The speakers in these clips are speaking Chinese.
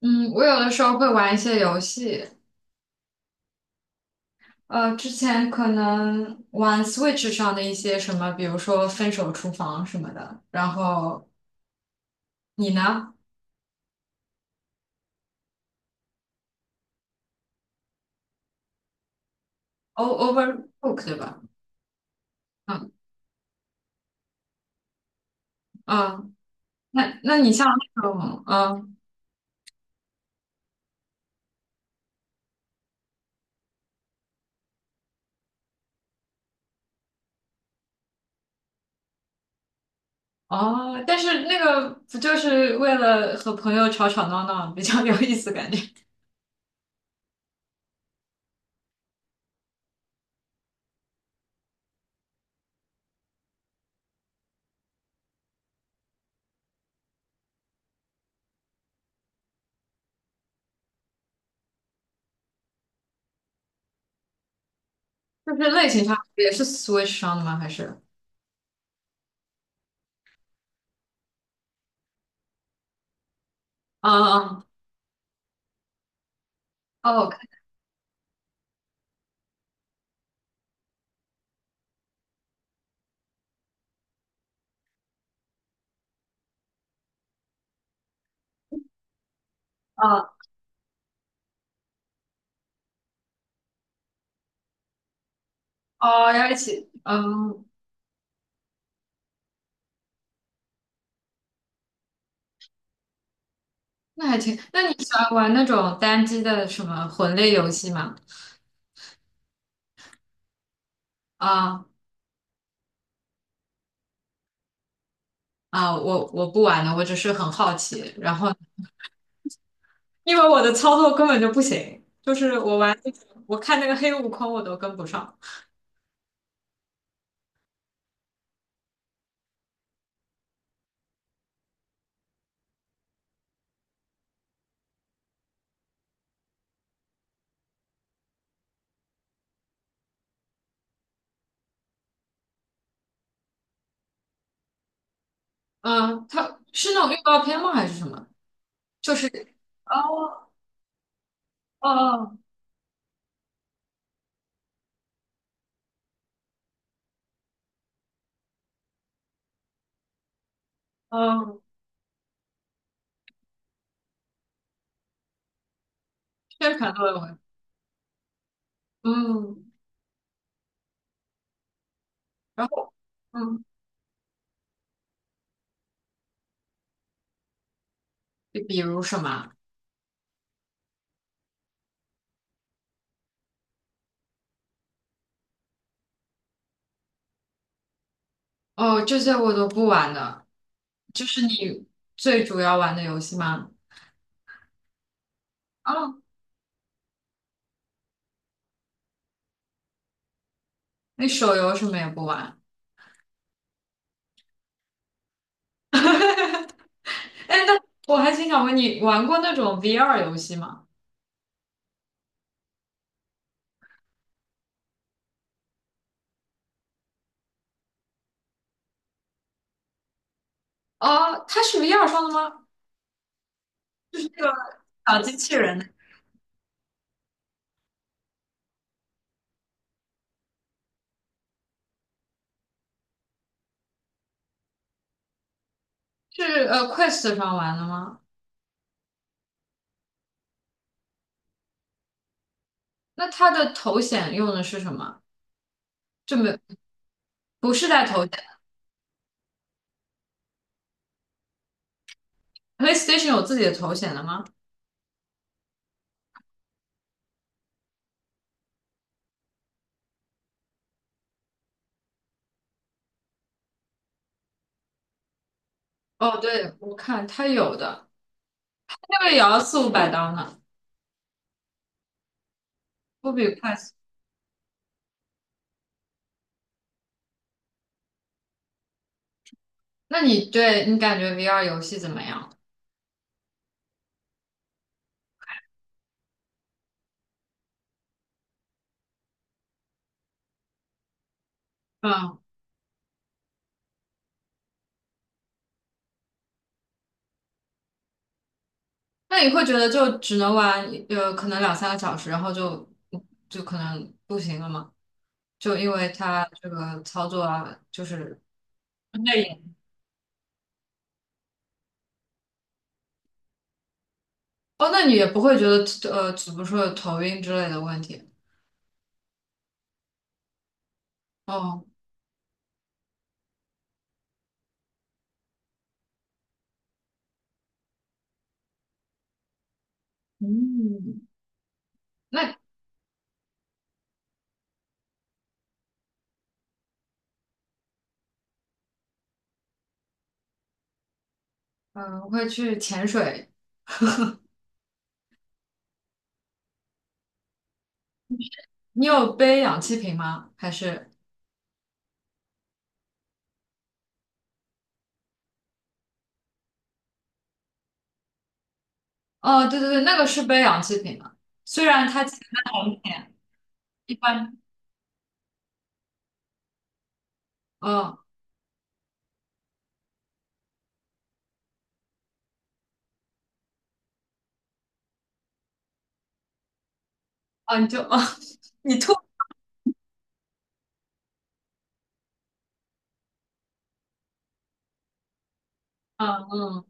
嗯，我有的时候会玩一些游戏，之前可能玩 Switch 上的一些什么，比如说《分手厨房》什么的。然后你呢？O Overcook 对吧？嗯嗯，那你像那种但是那个不就是为了和朋友吵吵闹闹比较有意思，感觉就是类型上也是 Switch 上的吗？还是？嗯嗯哦，我看，嗯哦哦，要一起，嗯那还挺。那你喜欢玩那种单机的什么魂类游戏吗？啊啊，我不玩了，我只是很好奇。然后，因为我的操作根本就不行，就是我玩那个，我看那个黑悟空我都跟不上。嗯，它是那种预告片吗？还是什么？就是哦哦哦，宣传作文。嗯，然后嗯，比如什么？哦，这些我都不玩的，就是你最主要玩的游戏吗？那手游什么也不玩。哎，那我还挺想问你，玩过那种 VR 游戏吗？哦，它是 VR 上的吗？是那个小机器人的是Quest 上玩的吗？那它的头显用的是什么？就没不是带头显，PlayStation 有自己的头显的吗？哦，对，我看它有的，那个也要四五百刀呢，不比 Quest。那你对你感觉 VR 游戏怎么样？嗯，那你会觉得就只能玩可能两三个小时，然后就可能不行了吗？就因为它这个操作啊，就是内隐哦，那你也不会觉得怎么说有头晕之类的问题？哦，嗯，那会去潜水。你有背氧气瓶吗？还是？哦，对对对，那个是背氧气瓶的，虽然它潜在很浅，一般。嗯，哦，你就哦，你吐。嗯嗯。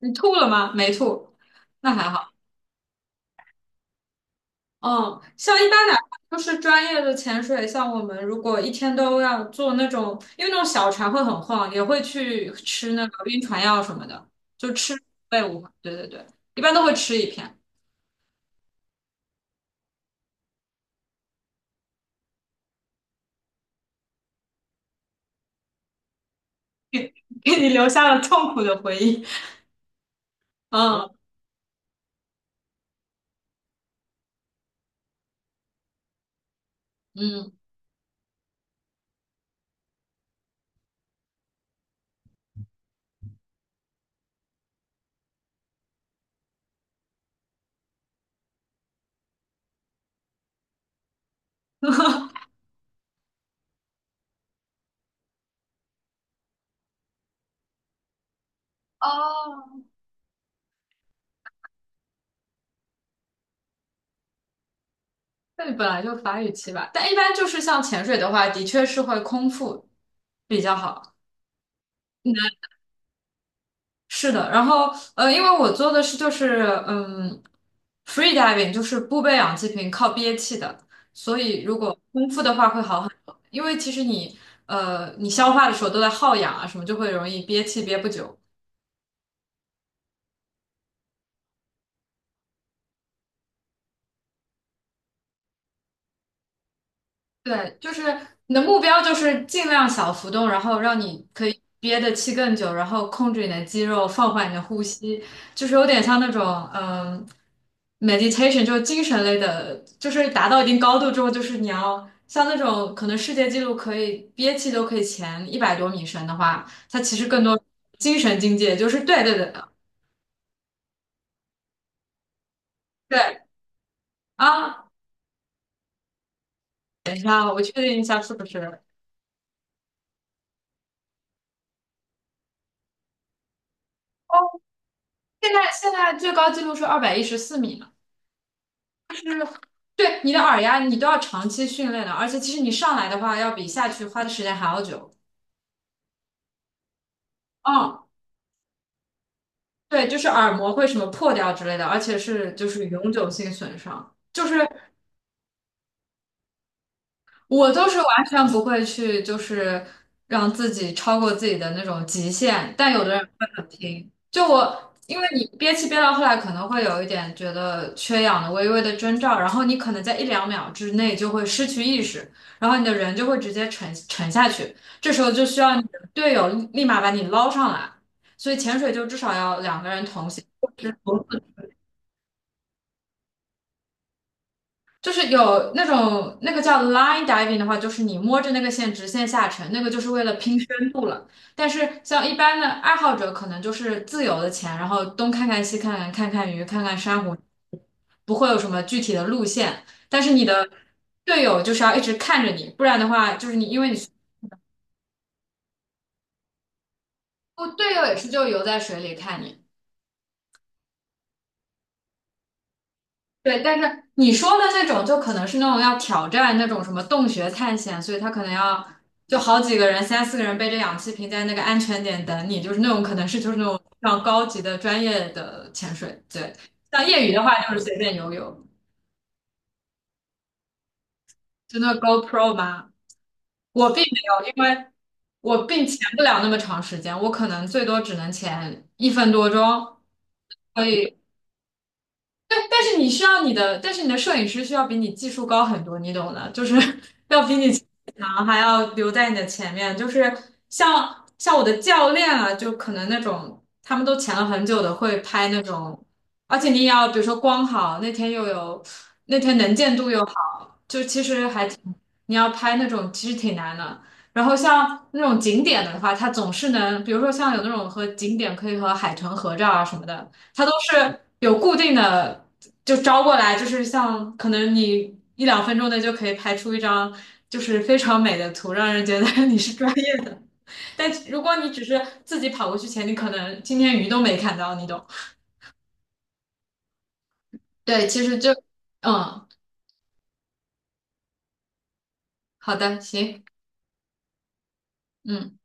你吐了吗？没吐，那还好。嗯，像一般哪怕就是专业的潜水，像我们如果一天都要做那种，因为那种小船会很晃，也会去吃那个晕船药什么的，就吃贝无。对对对，一般都会吃一片，给你留下了痛苦的回忆。嗯嗯。哦，那你本来就法语期吧？但一般就是像潜水的话，的确是会空腹比较好。嗯是的，然后因为我做的是就是free diving，就是不背氧气瓶，靠憋气的，所以如果空腹的话会好很多，因为其实你消化的时候都在耗氧啊，什么就会容易憋气憋不久。对，就是你的目标就是尽量小浮动，然后让你可以憋的气更久，然后控制你的肌肉，放缓你的呼吸，就是有点像那种嗯，meditation，就是精神类的，就是达到一定高度之后，就是你要像那种可能世界纪录可以憋气都可以前一百多米深的话，它其实更多精神境界，就是对对对对啊，等一下，我确定一下是不是？哦？现在最高纪录是214米。就是对你的耳压，你都要长期训练的，而且其实你上来的话，要比下去花的时间还要久。嗯，对，就是耳膜会什么破掉之类的，而且是就是永久性损伤。就是我都是完全不会去，就是让自己超过自己的那种极限，但有的人会很拼。就我，因为你憋气憋到后来，可能会有一点觉得缺氧的微微的征兆，然后你可能在一两秒之内就会失去意识，然后你的人就会直接沉沉下去。这时候就需要你的队友立马把你捞上来，所以潜水就至少要两个人同行。就是有那种那个叫 line diving 的话，就是你摸着那个线直线下沉，那个就是为了拼深度了。但是像一般的爱好者，可能就是自由的潜，然后东看看西看看，看看鱼，看看珊瑚，不会有什么具体的路线。但是你的队友就是要一直看着你，不然的话，就是你因为你哦，队友也是就游在水里看你。对，但是你说的那种，就可能是那种要挑战那种什么洞穴探险，所以他可能要就好几个人、三四个人背着氧气瓶在那个安全点等你，就是那种可能是就是那种非常高级的专业的潜水。对，像业余的话就是随便游泳，就那个 GoPro 吗？我并没有，因为我并潜不了那么长时间，我可能最多只能潜一分多钟。所以对，但是你需要你的，但是你的摄影师需要比你技术高很多，你懂的，就是 要比你强，还要留在你的前面。就是像我的教练啊，就可能那种他们都潜了很久的，会拍那种，而且你也要比如说光好，那天又有那天能见度又好。你要拍那种其实挺难的。然后像那种景点的话，它总是能，比如说像有那种和景点可以和海豚合照啊什么的，它都是有固定的，就招过来，就是像可能你一两分钟内就可以拍出一张就是非常美的图，让人觉得 你是专业的。但如果你只是自己跑过去前，你可能今天鱼都没看到，你懂？对，其实就嗯，好的，行。嗯。